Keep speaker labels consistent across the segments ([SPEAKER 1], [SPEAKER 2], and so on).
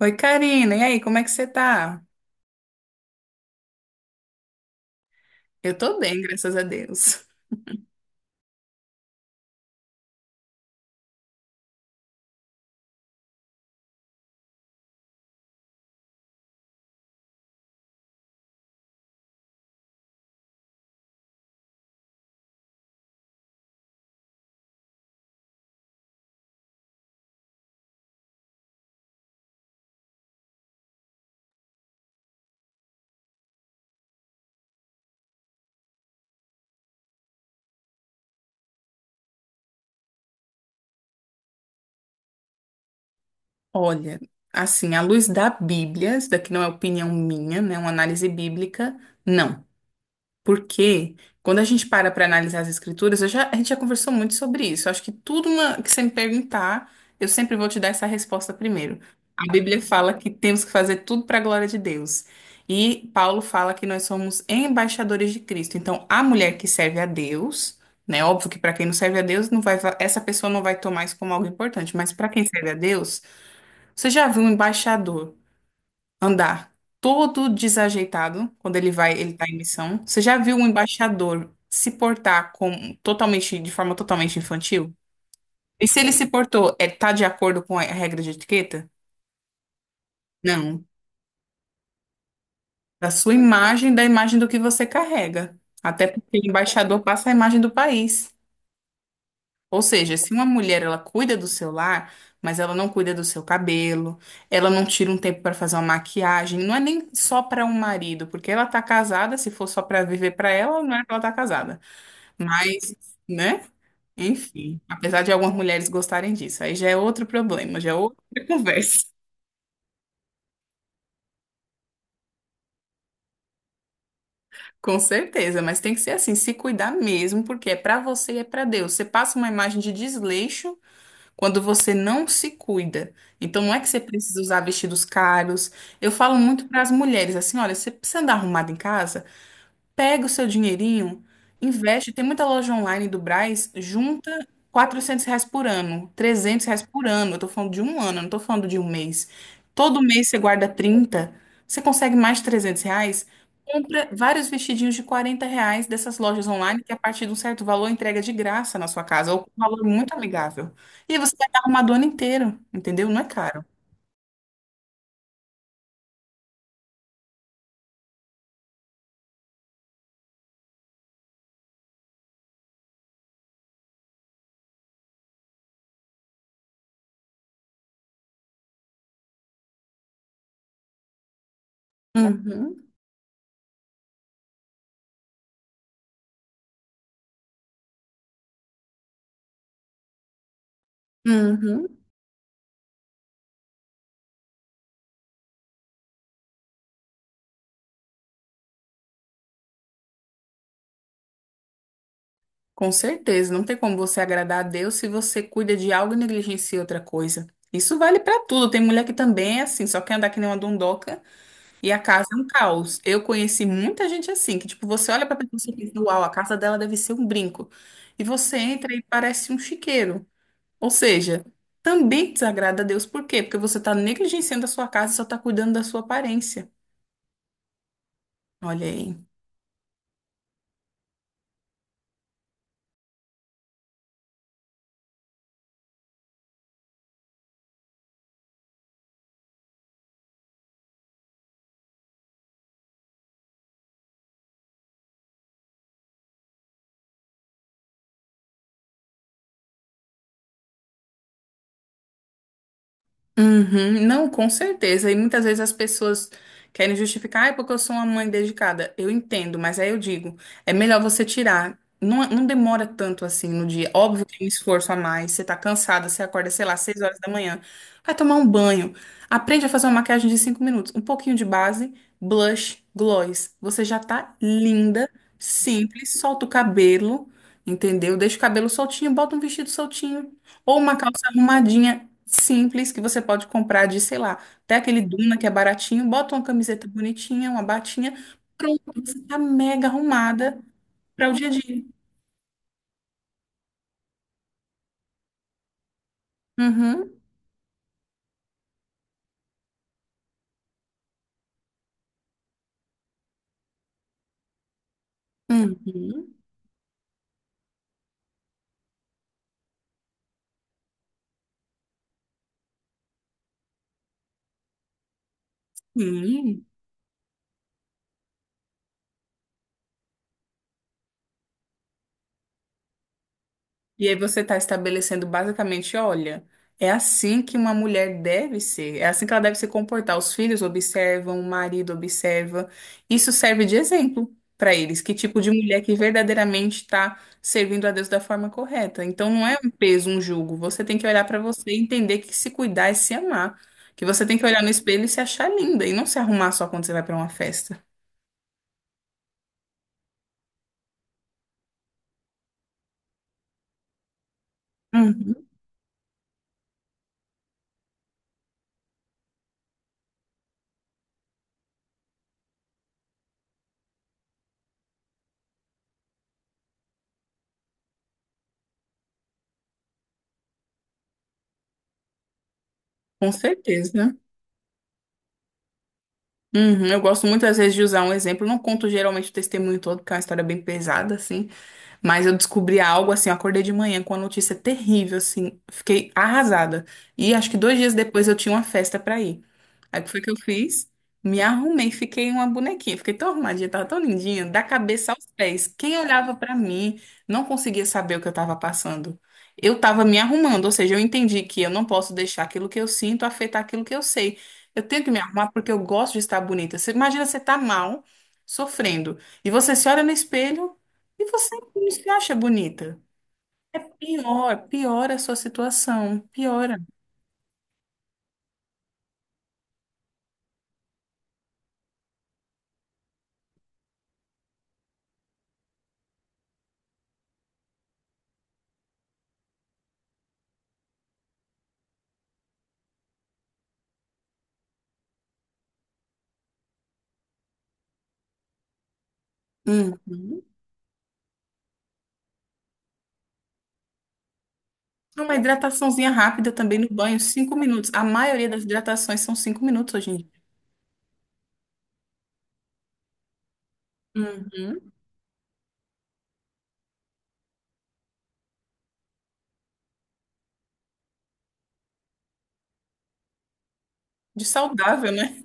[SPEAKER 1] Oi, Karina. E aí, como é que você tá? Eu tô bem, graças a Deus. Olha, assim, à luz da Bíblia, isso daqui não é opinião minha, né? Uma análise bíblica, não. Porque quando a gente para para analisar as escrituras, a gente já conversou muito sobre isso. Eu acho que que você me perguntar, eu sempre vou te dar essa resposta primeiro. A Bíblia fala que temos que fazer tudo para a glória de Deus. E Paulo fala que nós somos embaixadores de Cristo. Então, a mulher que serve a Deus, né? Óbvio que para quem não serve a Deus, não vai, essa pessoa não vai tomar isso como algo importante, mas para quem serve a Deus, você já viu um embaixador andar todo desajeitado quando ele vai, ele tá em missão? Você já viu um embaixador se portar de forma totalmente infantil? E se ele se portou, tá de acordo com a regra de etiqueta? Não. Da sua imagem, da imagem do que você carrega. Até porque o embaixador passa a imagem do país. Ou seja, se uma mulher ela cuida do seu lar, mas ela não cuida do seu cabelo, ela não tira um tempo para fazer uma maquiagem, não é nem só para um marido, porque ela tá casada, se for só para viver para ela, não é que ela tá casada. Mas, né? Enfim, apesar de algumas mulheres gostarem disso, aí já é outro problema, já é outra conversa. Com certeza, mas tem que ser assim, se cuidar mesmo, porque é para você e é para Deus. Você passa uma imagem de desleixo quando você não se cuida. Então não é que você precisa usar vestidos caros. Eu falo muito para as mulheres assim, olha, você precisa andar arrumada em casa? Pega o seu dinheirinho, investe. Tem muita loja online do Brás, junta 400 reais por ano, 300 reais por ano. Eu tô falando de um ano, eu não tô falando de um mês. Todo mês você guarda 30, você consegue mais de 300 reais. Compra vários vestidinhos de 40 reais dessas lojas online, que a partir de um certo valor entrega de graça na sua casa, ou com um valor muito amigável. E aí você vai estar arrumado o ano inteiro, entendeu? Não é caro. Uhum, uhum. Com certeza, não tem como você agradar a Deus se você cuida de algo e negligencia outra coisa. Isso vale pra tudo. Tem mulher que também é assim, só quer andar que nem uma dondoca e a casa é um caos. Eu conheci muita gente assim, que tipo, você olha pra pessoa e pensa, uau, a casa dela deve ser um brinco. E você entra e parece um chiqueiro. Ou seja, também desagrada a Deus. Por quê? Porque você tá negligenciando a sua casa e só tá cuidando da sua aparência. Olha aí. Uhum, não, com certeza. E muitas vezes as pessoas querem justificar, ah, é porque eu sou uma mãe dedicada. Eu entendo, mas aí eu digo, é melhor você tirar. Não, não demora tanto assim no dia. Óbvio que é um esforço a mais. Você tá cansada, você acorda, sei lá, 6 horas da manhã. Vai tomar um banho. Aprende a fazer uma maquiagem de 5 minutos. Um pouquinho de base, blush, gloss. Você já tá linda, simples. Solta o cabelo, entendeu? Deixa o cabelo soltinho, bota um vestido soltinho. Ou uma calça arrumadinha simples que você pode comprar de, sei lá, até aquele Duna que é baratinho, bota uma camiseta bonitinha, uma batinha, pronto, você tá mega arrumada para o dia a dia. Uhum. Uhum. Sim. E aí você está estabelecendo basicamente, olha, é assim que uma mulher deve ser, é assim que ela deve se comportar. Os filhos observam, o marido observa. Isso serve de exemplo para eles, que tipo de mulher que verdadeiramente está servindo a Deus da forma correta. Então não é um peso, um jugo. Você tem que olhar para você e entender que se cuidar e se amar. Que você tem que olhar no espelho e se achar linda e não se arrumar só quando você vai para uma festa. Uhum. Com certeza. Uhum, eu gosto muitas vezes de usar um exemplo. Eu não conto geralmente o testemunho todo, porque é uma história bem pesada, assim. Mas eu descobri algo assim, eu acordei de manhã com uma notícia terrível, assim, fiquei arrasada. E acho que 2 dias depois eu tinha uma festa pra ir. Aí o que foi que eu fiz? Me arrumei, fiquei uma bonequinha, fiquei tão arrumadinha, tava tão lindinha, da cabeça aos pés. Quem olhava pra mim não conseguia saber o que eu tava passando. Eu tava me arrumando, ou seja, eu entendi que eu não posso deixar aquilo que eu sinto afetar aquilo que eu sei. Eu tenho que me arrumar porque eu gosto de estar bonita. Você imagina você tá mal, sofrendo, e você se olha no espelho. E você não se acha bonita? É pior, piora a sua situação, piora. Uhum. Uma hidrataçãozinha rápida também no banho, 5 minutos. A maioria das hidratações são 5 minutos hoje em dia. Uhum. De saudável, né?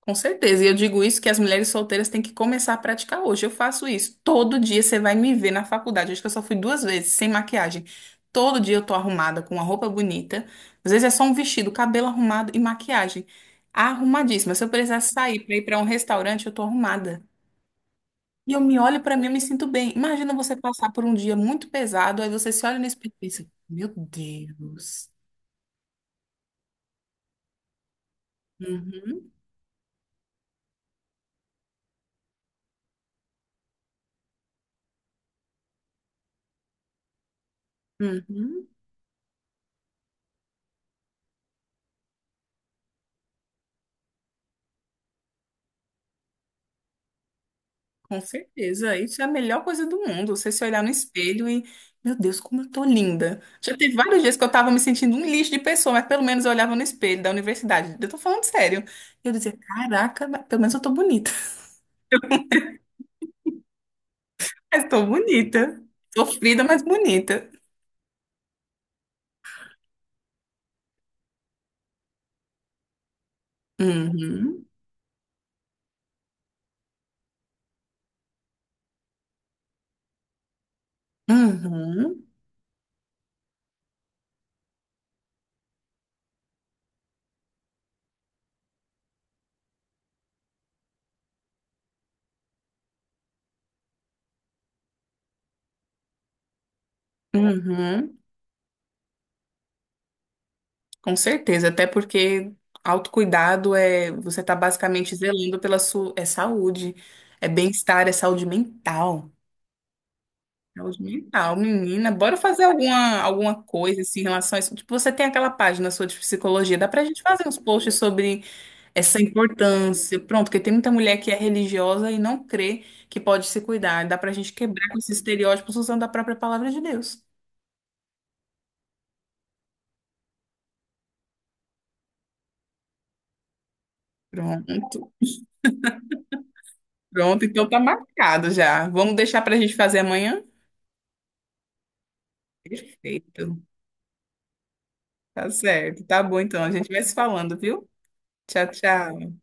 [SPEAKER 1] Com certeza. E eu digo isso que as mulheres solteiras têm que começar a praticar hoje. Eu faço isso. Todo dia você vai me ver na faculdade. Acho que eu só fui duas vezes, sem maquiagem. Todo dia eu tô arrumada, com uma roupa bonita. Às vezes é só um vestido, cabelo arrumado e maquiagem. Arrumadíssima. Se eu precisar sair pra ir pra um restaurante, eu tô arrumada. E eu me olho pra mim, eu me sinto bem. Imagina você passar por um dia muito pesado, aí você se olha no espelho e pensa, meu Deus. Uhum, uhum. Com certeza, isso é a melhor coisa do mundo. Você se olhar no espelho e, meu Deus, como eu tô linda. Já teve vários dias que eu tava me sentindo um lixo de pessoa, mas pelo menos eu olhava no espelho da universidade. Eu tô falando sério. Eu dizia, caraca, mas pelo menos eu tô bonita. Mas tô bonita. Sofrida, mas bonita. Uhum, uhum, uhum. Com certeza, até porque autocuidado é você tá basicamente zelando pela sua saúde, é bem-estar, é saúde mental. Saúde mental, menina, bora fazer alguma coisa assim, em relação a isso. Tipo, você tem aquela página sua de psicologia, dá pra gente fazer uns posts sobre essa importância. Pronto, porque tem muita mulher que é religiosa e não crê que pode se cuidar. Dá pra gente quebrar com esses estereótipos usando a própria palavra de Deus. Pronto, pronto, então tá marcado já. Vamos deixar pra gente fazer amanhã? Feito. Tá certo, tá bom então. A gente vai se falando, viu? Tchau, tchau.